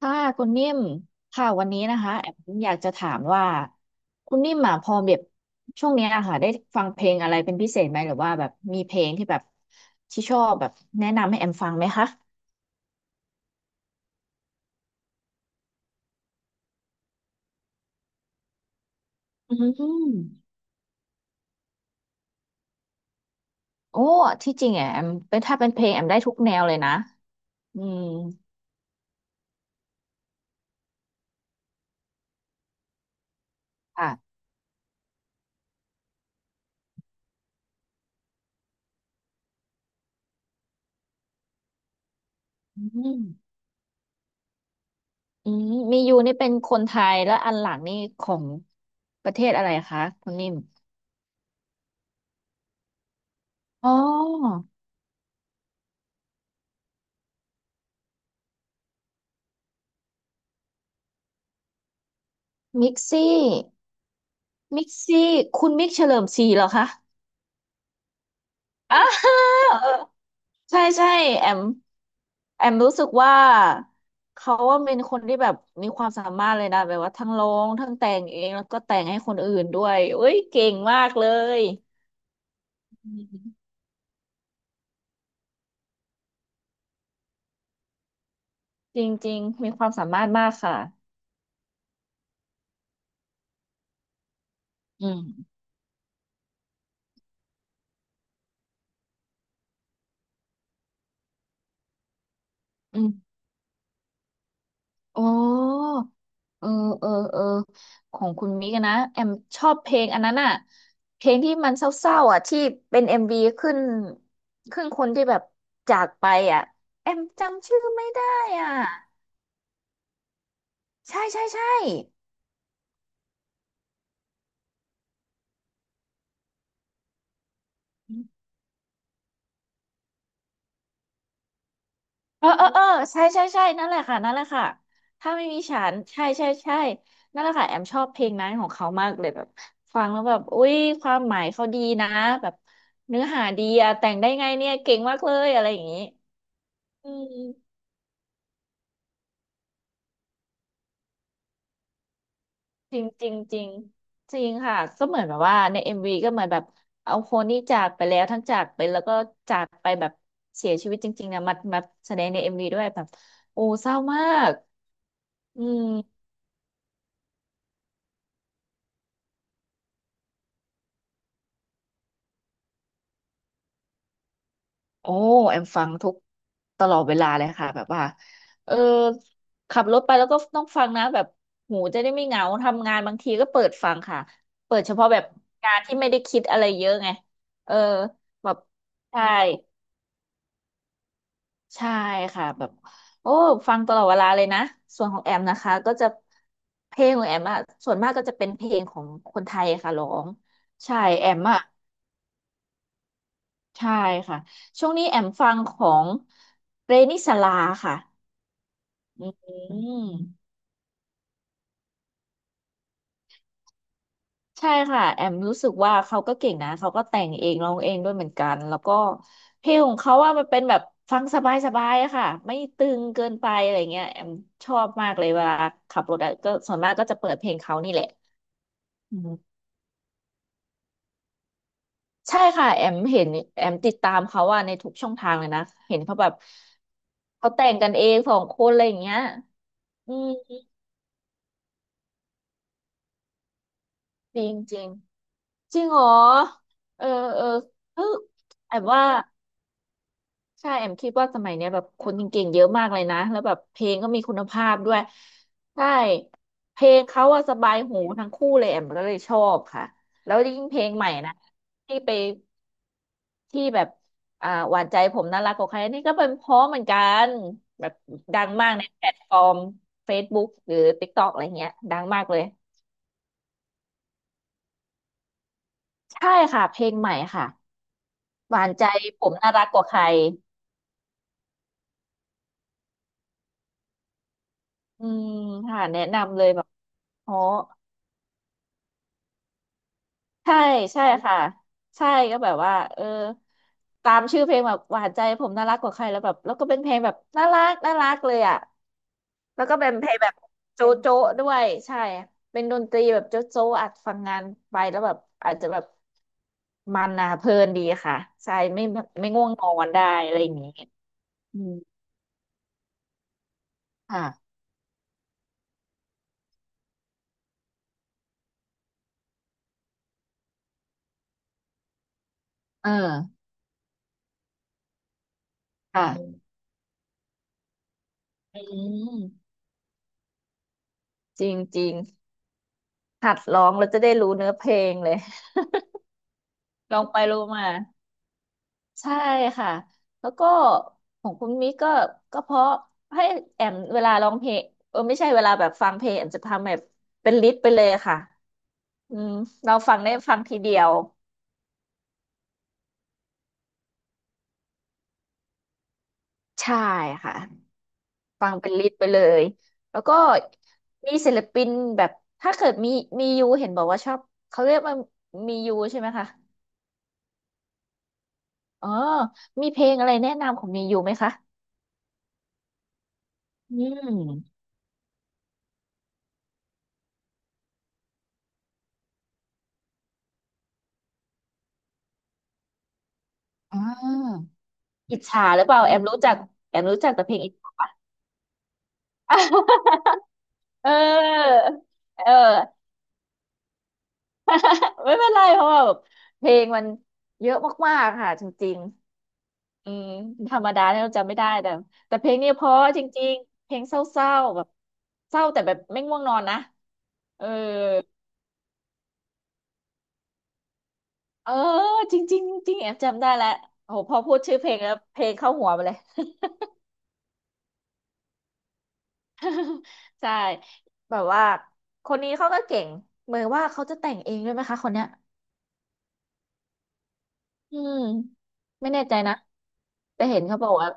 ค่ะคุณนิ่มค่ะวันนี้นะคะแอมอยากจะถามว่าคุณนิ่มอ่ะพอแบบช่วงเนี้ยอะค่ะได้ฟังเพลงอะไรเป็นพิเศษไหมหรือว่าแบบมีเพลงที่แบบที่ชอบแบบแนะนำให้แอมฟังไหมคะอืมโอ้ที่จริงอ่ะแอมเป็นถ้าเป็นเพลงแอมได้ทุกแนวเลยนะอืมค่ะอืมอืมมียูนี่เป็นคนไทยแล้วอันหลังนี่ของประเทศอะไรคะคุณนิ่มอ๋อมิกซี่มิกซี่คุณมิกเฉลิมศรีเหรอคะ อ่าเออใช่ใช่แอมแอมรู้สึกว่าเขาว่าเป็นคนที่แบบมีความสามารถเลยนะแบบว่าทั้งร้องทั้งแต่งเองแล้วก็แต่งให้คนอื่นด้วยเอ้ยเก่งมากเลยจริงจริงๆมีความสามารถมากค่ะอืมอืมโอ้ เออเออเออของคุณมิกอะนะแอมชอบเพลงอันนั้นอะเพลงที่มันเศร้าๆอะที่เป็นเอ็มวีขึ้นคนที่แบบจากไปอะแอมจำชื่อไม่ได้อ่ะใช่ใช่ใช่เออเออเออใช่ใช่ใช่นั่นแหละค่ะนั่นแหละค่ะถ้าไม่มีฉันใช่ใช่ใช่นั่นแหละค่ะแอมชอบเพลงนั้นของเขามากเลยแบบฟังแล้วแบบอุ้ยความหมายเขาดีนะแบบเนื้อหาดีอะแต่งได้ไงเนี่ยเก่งมากเลยอะไรอย่างนี้อืม จริงจริงจริงจริงค่ะก็เหมือนแบบว่าในเอ็มวีก็เหมือนแบบเอาคนที่จากไปแล้วทั้งจากไปแล้วก็จากไปแบบเสียชีวิตจริงๆนะมาแสดงในเอ็มวีด้วยแบบโอ้เศร้ามากอืมโอ้แอมฟังทุกตลอดเวลาเลยค่ะแบบว่าเออขับรถไปแล้วก็ต้องฟังนะแบบหูจะได้ไม่เหงาทำงานบางทีก็เปิดฟังค่ะเปิดเฉพาะแบบงานที่ไม่ได้คิดอะไรเยอะไงเออแบบใช่ ใช่ค่ะแบบโอ้ฟังตลอดเวลาเลยนะส่วนของแอมนะคะก็จะเพลงของแอมอะส่วนมากก็จะเป็นเพลงของคนไทยค่ะร้องใช่แอมอะใช่ค่ะช่วงนี้แอมฟังของเรนิสลาค่ะอืมใช่ค่ะแอมรู้สึกว่าเขาก็เก่งนะเขาก็แต่งเองร้องเองด้วยเหมือนกันแล้วก็เพลงของเขาว่ามันเป็นแบบฟังสบายๆอะค่ะไม่ตึงเกินไปอะไรเงี้ยแอมชอบมากเลยเวลาขับรถอะก็ส่วนมากก็จะเปิดเพลงเขานี่แหละ อืมใช่ค่ะแอมเห็นแอมติดตามเขาว่าในทุกช่องทางเลยนะเห็นเขาแบบเขาแต่งกันเองสองคนอะไรอย่างเงี้ยอืมจริงจริงจริงเหรอเออเออเออแอมว่าใช่แอมคิดว่าสมัยเนี้ยแบบคนเก่งๆเยอะมากเลยนะแล้วแบบเพลงก็มีคุณภาพด้วยใช่เพลงเขาอะสบายหูทั้งคู่เลยแอมก็เลยชอบค่ะแล้วยิ่งเพลงใหม่นะที่ไป ที่แบบอ่าหวานใจผมน่ารักกว่าใครนี่ก็เป็นเพราะเหมือนกันแบบดังมากในแพลตฟอร์ม Facebook หรือ TikTok อะไรเงี้ยดังมากเลยใช่ค่ะเพลงใหม่ค่ะหวานใจผมน่ารักกว่าใครอืมค่ะแนะนำเลยแบบอ๋อใช่ใช่ค่ะใช่ก็แบบว่าเออตามชื่อเพลงแบบหวานใจผมน่ารักกว่าใครแล้วแบบแล้วก็เป็นเพลงแบบน่ารักน่ารักเลยอ่ะ แล้วก็เป็นเพลงแบบโจ๊ะโจ๊ะด้วยใช่เป็นดนตรีแบบโจ๊ะโจ๊ะอัดฟังงานไปแล้วแบบอาจจะแบบมันนะเพลินดีค่ะใช่ไม่ง่วงนอนได้อะไรอย่างนี้อืมค่ะเออค่ะอืมจริงจริงหัดร้องแล้วจะได้รู้เนื้อเพลงเลย ลองไปรู้มาใช่ค่ะแล้วก็ของคุณมิกก็ก็เพราะให้แอมเวลาร้องเพลงเออไม่ใช่เวลาแบบฟังเพลงแอมจะทำแบบเป็นลิสต์ไปเลยค่ะ อืมเราฟังได้ฟังทีเดียวใช่ค่ะฟังเป็นลิสต์ไปเลยแล้วก็มีศิลปินแบบถ้าเกิดมีมียูเห็นบอกว่าชอบเขาเรียกว่ามียูใช่ไหมคะอ๋อมีเพลงอะไรแนะนำของมียูไหมคะอืมอ่าอิจฉาหรือเปล่าแอมมรู้จักแอมรู้จักแต่เพลงอิจฉา เออเออ ไม่เป็นไรเพราะว่าแบบเพลงมันเยอะมากๆค่ะจริง อืมธรรมดาเนี่ยเราจำไม่ได้แต่แต่เพลงเนี้เพราะจริงๆเพลงเศร้าๆแบบเศร้าแต่แบบไม่ง่วงนอนนะเออเออจริงๆจริงแอบจำได้แล้วโอ้โหพอพูดชื่อเพลงแล้วเพลงเข้าหัวไปเลย ใช่แบบว่าคนนี้เขาก็เก่งเหมือนว่าเขาจะแต่งเองด้วยไหมคะคนเนี้ยอืมไม่แน่ใจนะแต่เห็นเขาบอกว่า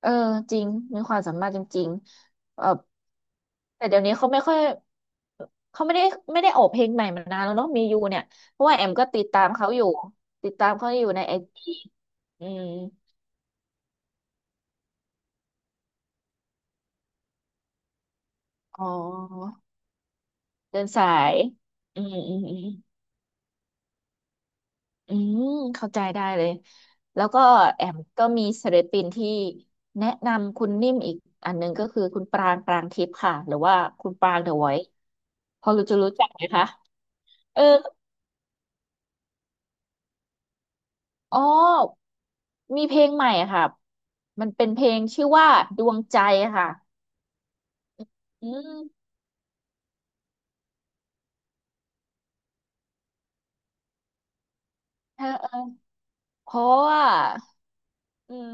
เออจริงมีความสามารถจริงๆแต่เดี๋ยวนี้เขาไม่ค่อยเขาไม่ได้ไม่ได้ออกเพลงใหม่มานานแล้วเนาะมียูเนี่ยเพราะว่าแอมก็ติดตามเขาอยู่ติดตามเขาอยู่ในไอจีอืมอ๋อเดินสายอืมอืมอืมอืมเข้าใจได้เลยแล้วก็แอมก็มีศิลปินที่แนะนำคุณนิ่มอีกอันหนึงก็คือคุณปรางปรางทิพย์ค่ะหรือว่าคุณปรางเดอะไวท์พอรู้จะรู้จักไหมคะเออ อ๋อมีเพลงใหม่อะค่ะมันเป็นเพลงชื่อว่าดวงใจค่ะอืมเออเออเพราะว่าอืม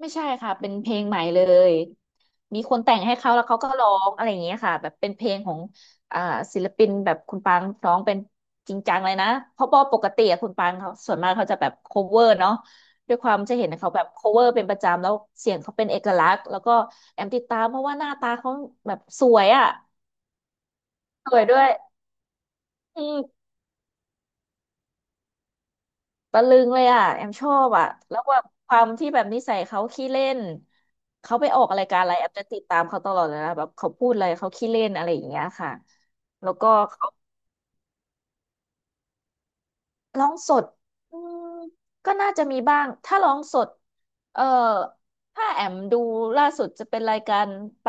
ไม่ใช่ค่ะ เป็นเพลงใหม่เลย มีคนแต่งให้เขาแล้วเขาก็ร้องอะไรอย่างเงี้ยค่ะแบบเป็นเพลงของอ่าศิลปินแบบคุณปางร้องเป็นจริงจังเลยนะเพราะว่าปกติอะคุณปางเขาส่วนมากเขาจะแบบ cover เนาะด้วยความจะเห็นเขาแบบ cover เป็นประจำแล้วเสียงเขาเป็นเอกลักษณ์แล้วก็แอมติดตามเพราะว่าหน้าตาเขาแบบสวยอ่ะสวยด้วย อืมตะลึงเลยอ่ะแอมชอบอ่ะแล้วว่าความที่แบบนิสัยเขาขี้เล่นเขาไปออกรายการอะไรแอมจะติดตามเขาตลอดเลยนะแบบเขาพูดอะไรเขาขี้เล่นอะไรอย่างเงี้ยค่ะแล้วก็เขาร้องสดอืมก็น่าจะมีบ้างถ้าร้องสดเอ่อถ้าแอมดูล่าสุดจะเป็นรายการไป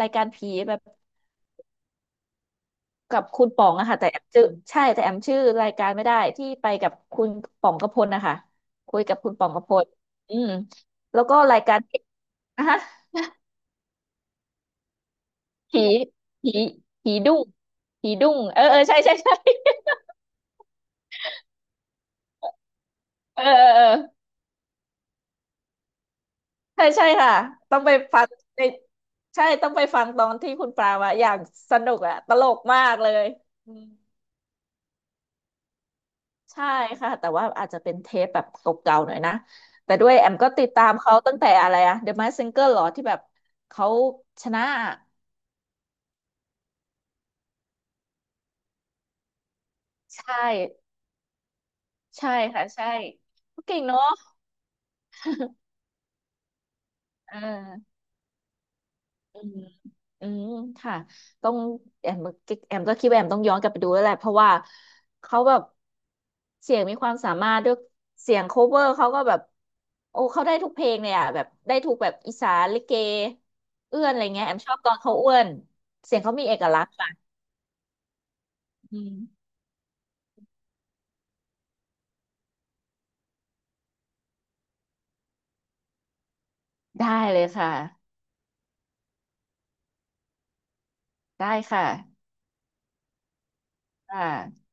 รายการผีแบบ กับคุณป๋องอะค่ะแต่แอมชื่อใช่แต่แอมชื่อรายการไม่ได้ที่ไปกับคุณป๋องกพลนะคะคุยกับคุณป๋องกพลอืมแล้วก็รายการ อ่ะฮะผีผีผีดุ้งผีดุ้งเออเออใช่ใช่ใช่ เออเออเออใช่ใช่ค่ะต้องไปฟังในใช่ต้องไปฟังตอนที่คุณปรามาอย่างสนุกอะตลกมากเลยอืม ใช่ค่ะแต่ว่าอาจจะเป็นเทปแบบเก่าๆหน่อยนะแต่ด้วยแอมก็ติดตามเขาตั้งแต่อะไรอะ The Masked Singer เหรอที่แบบเขาชนะใช่ใช่ค่ะใช่เขาเก่งเนาะเออ อืมอืมค่ะต้องแอมแอมก็คิดว่าแอมต้องย้อนกลับไปดูแล้วแหละเพราะว่าเขาแบบเสียงมีความสามารถด้วยเสียงโคเวอร์เขาก็แบบโอ้เขาได้ทุกเพลงเลยอ่ะแบบได้ทุกแบบอีสานลิเกเอื้อนอะไรเงี้ยแอมชอบตอนเขาเอื้อนเสียงเขามีเอกลักษณ์ค่ะอืมได้เลยค่ะได้ค่ะค่ะ